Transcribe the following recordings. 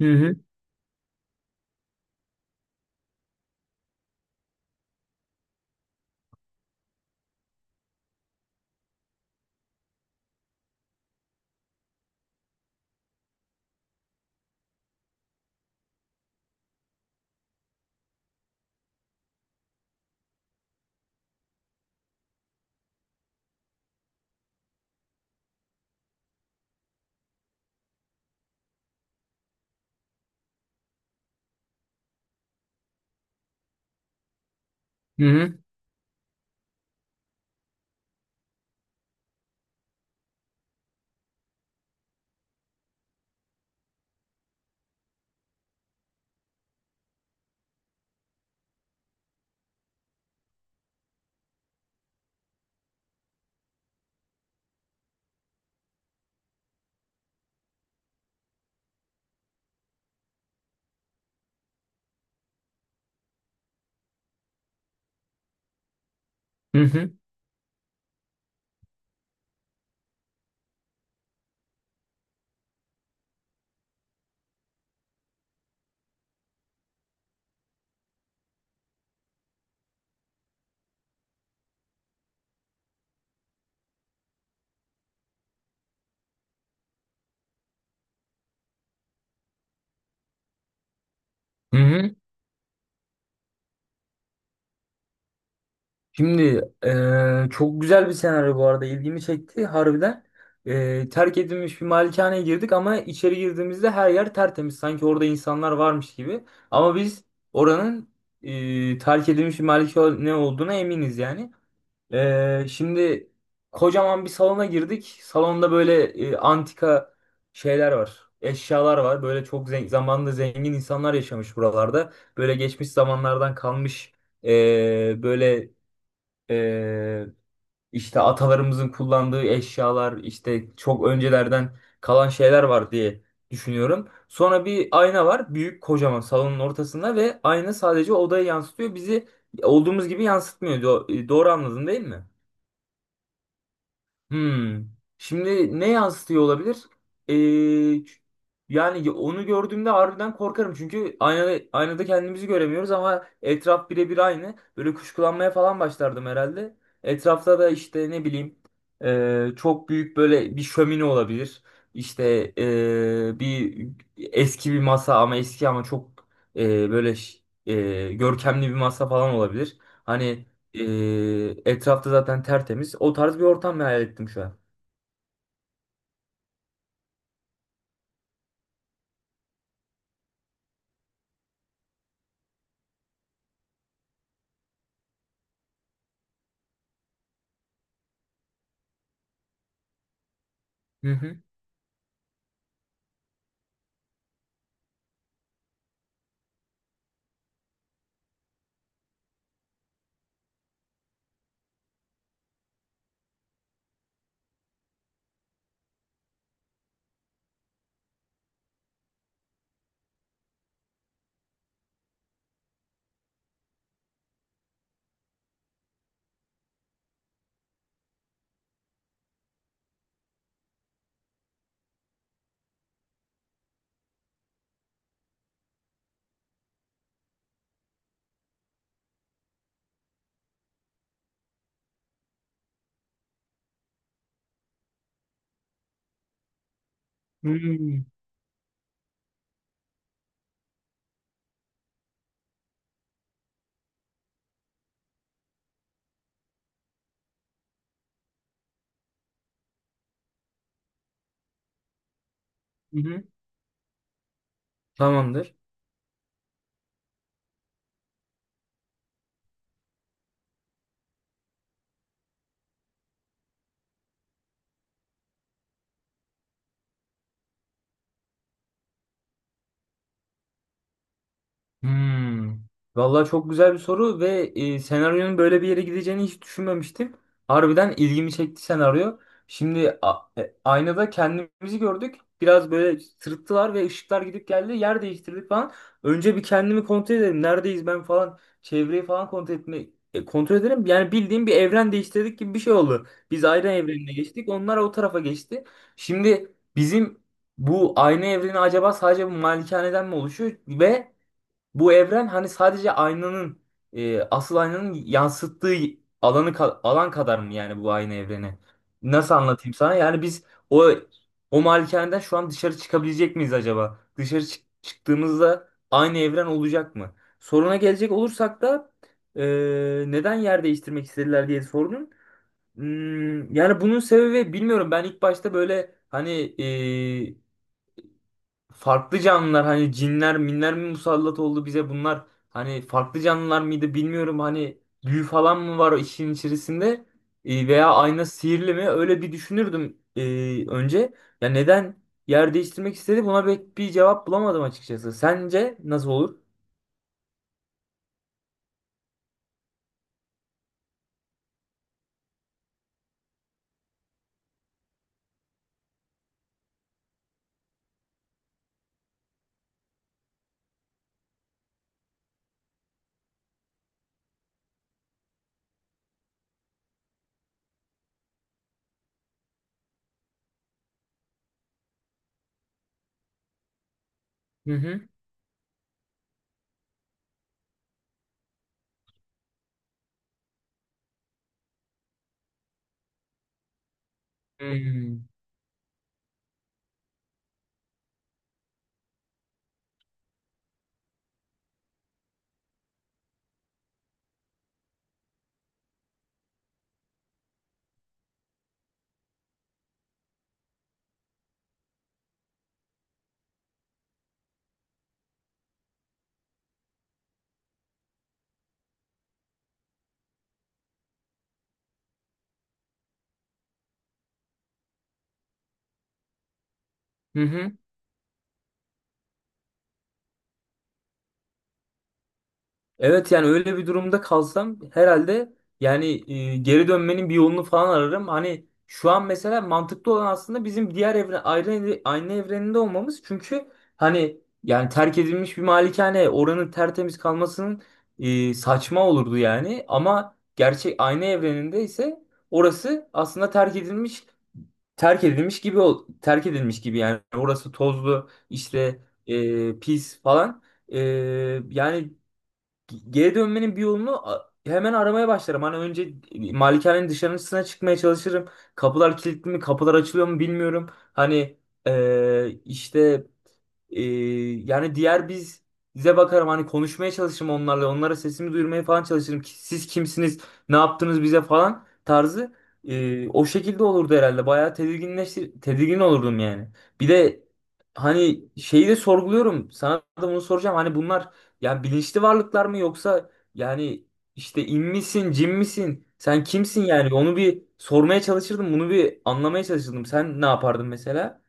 Hı hı, hı hı, hı hı. Hı hı. Şimdi çok güzel bir senaryo, bu arada ilgimi çekti harbiden. Terk edilmiş bir malikaneye girdik ama içeri girdiğimizde her yer tertemiz. Sanki orada insanlar varmış gibi. Ama biz oranın terk edilmiş bir malikane olduğuna eminiz yani. Şimdi kocaman bir salona girdik. Salonda böyle antika şeyler var. Eşyalar var. Böyle çok zamanında zengin insanlar yaşamış buralarda. Böyle geçmiş zamanlardan kalmış e, böyle e, işte atalarımızın kullandığı eşyalar, işte çok öncelerden kalan şeyler var diye düşünüyorum. Sonra bir ayna var. Büyük kocaman salonun ortasında, ve ayna sadece odayı yansıtıyor. Bizi olduğumuz gibi yansıtmıyor. Doğru anladın değil mi? Hmm. Şimdi ne yansıtıyor olabilir? Ee, ç- Yani onu gördüğümde harbiden korkarım. Çünkü aynada kendimizi göremiyoruz ama etraf birebir aynı. Böyle kuşkulanmaya falan başlardım herhalde. Etrafta da işte ne bileyim çok büyük böyle bir şömine olabilir. İşte bir eski bir masa, ama eski ama çok ee, böyle ş- görkemli bir masa falan olabilir. Hani etrafta zaten tertemiz. O tarz bir ortam hayal ettim şu an. Hı hı. Hmm. Hı hı. Tamamdır. Hmm. Vallahi çok güzel bir soru, ve senaryonun böyle bir yere gideceğini hiç düşünmemiştim. Harbiden ilgimi çekti senaryo. Şimdi aynada kendimizi gördük. Biraz böyle sırıttılar ve ışıklar gidip geldi. Yer değiştirdik falan. Önce bir kendimi kontrol edelim. Neredeyiz ben falan. Çevreyi falan kontrol edelim. Yani bildiğim bir evren değiştirdik gibi bir şey oldu. Biz ayrı evrenine geçtik. Onlar o tarafa geçti. Şimdi bizim bu aynı evreni acaba sadece bu malikaneden mi oluşuyor, ve bu evren hani sadece aynanın asıl aynanın yansıttığı alan kadar mı, yani bu aynı evreni? Nasıl anlatayım sana? Yani biz o o malikaneden şu an dışarı çıkabilecek miyiz acaba? Çıktığımızda aynı evren olacak mı? Soruna gelecek olursak da e, neden yer değiştirmek istediler diye sorunun. Hmm, yani bunun sebebi bilmiyorum. Ben ilk başta böyle hani e, farklı canlılar, hani cinler minler mi musallat oldu bize, bunlar hani farklı canlılar mıydı bilmiyorum, hani büyü falan mı var o işin içerisinde. Veya ayna sihirli mi, öyle bir düşünürdüm önce. Ya neden yer değiştirmek istedi, buna pek bir cevap bulamadım açıkçası. Sence nasıl olur? Hı hı. Hmm. Hı hı. Evet, yani öyle bir durumda kalsam herhalde yani geri dönmenin bir yolunu falan ararım. Hani şu an mesela mantıklı olan aslında bizim diğer aynı evreninde olmamız. Çünkü hani yani terk edilmiş bir malikane oranın tertemiz kalmasının saçma olurdu yani. Ama gerçek aynı evreninde ise orası aslında terk edilmiş gibi, yani orası tozlu işte, pis falan. E, Yani geri dönmenin bir yolunu a- hemen aramaya başlarım. Hani önce malikanenin dışarısına çıkmaya çalışırım. Kapılar kilitli mi, kapılar açılıyor mu bilmiyorum. Hani eee, işte eee, yani diğer biz, bize bakarım, hani konuşmaya çalışırım onlarla. Onlara sesimi duyurmaya falan çalışırım. Ki siz kimsiniz, ne yaptınız bize falan tarzı. O şekilde olurdu herhalde. Bayağı tedirgin olurdum yani. Bir de hani şeyi de sorguluyorum. Sana da bunu soracağım. Hani bunlar yani bilinçli varlıklar mı, yoksa yani işte in misin, cin misin? Sen kimsin yani? Onu bir sormaya çalışırdım. Bunu bir anlamaya çalışırdım. Sen ne yapardın mesela?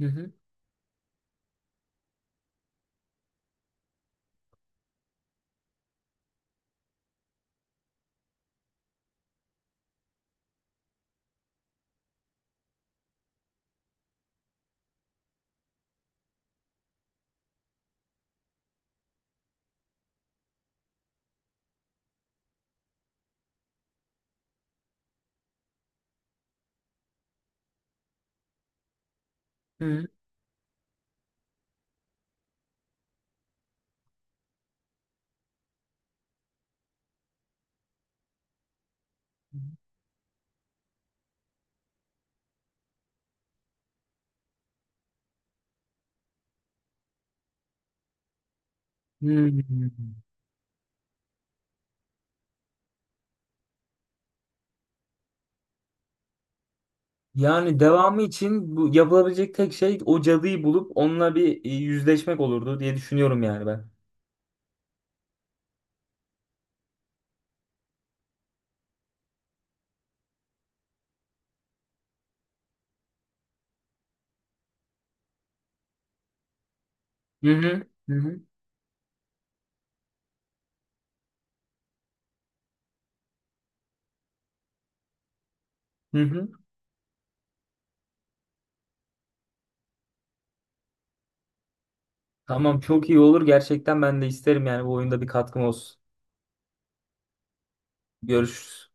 Hı hı. Hı. Hı. Yani devamı için bu yapılabilecek tek şey o cadıyı bulup onunla bir yüzleşmek olurdu diye düşünüyorum yani ben. Hı hı. Hı hı. Hı hı. Tamam, çok iyi olur. Gerçekten ben de isterim yani bu oyunda bir katkım olsun. Görüşürüz.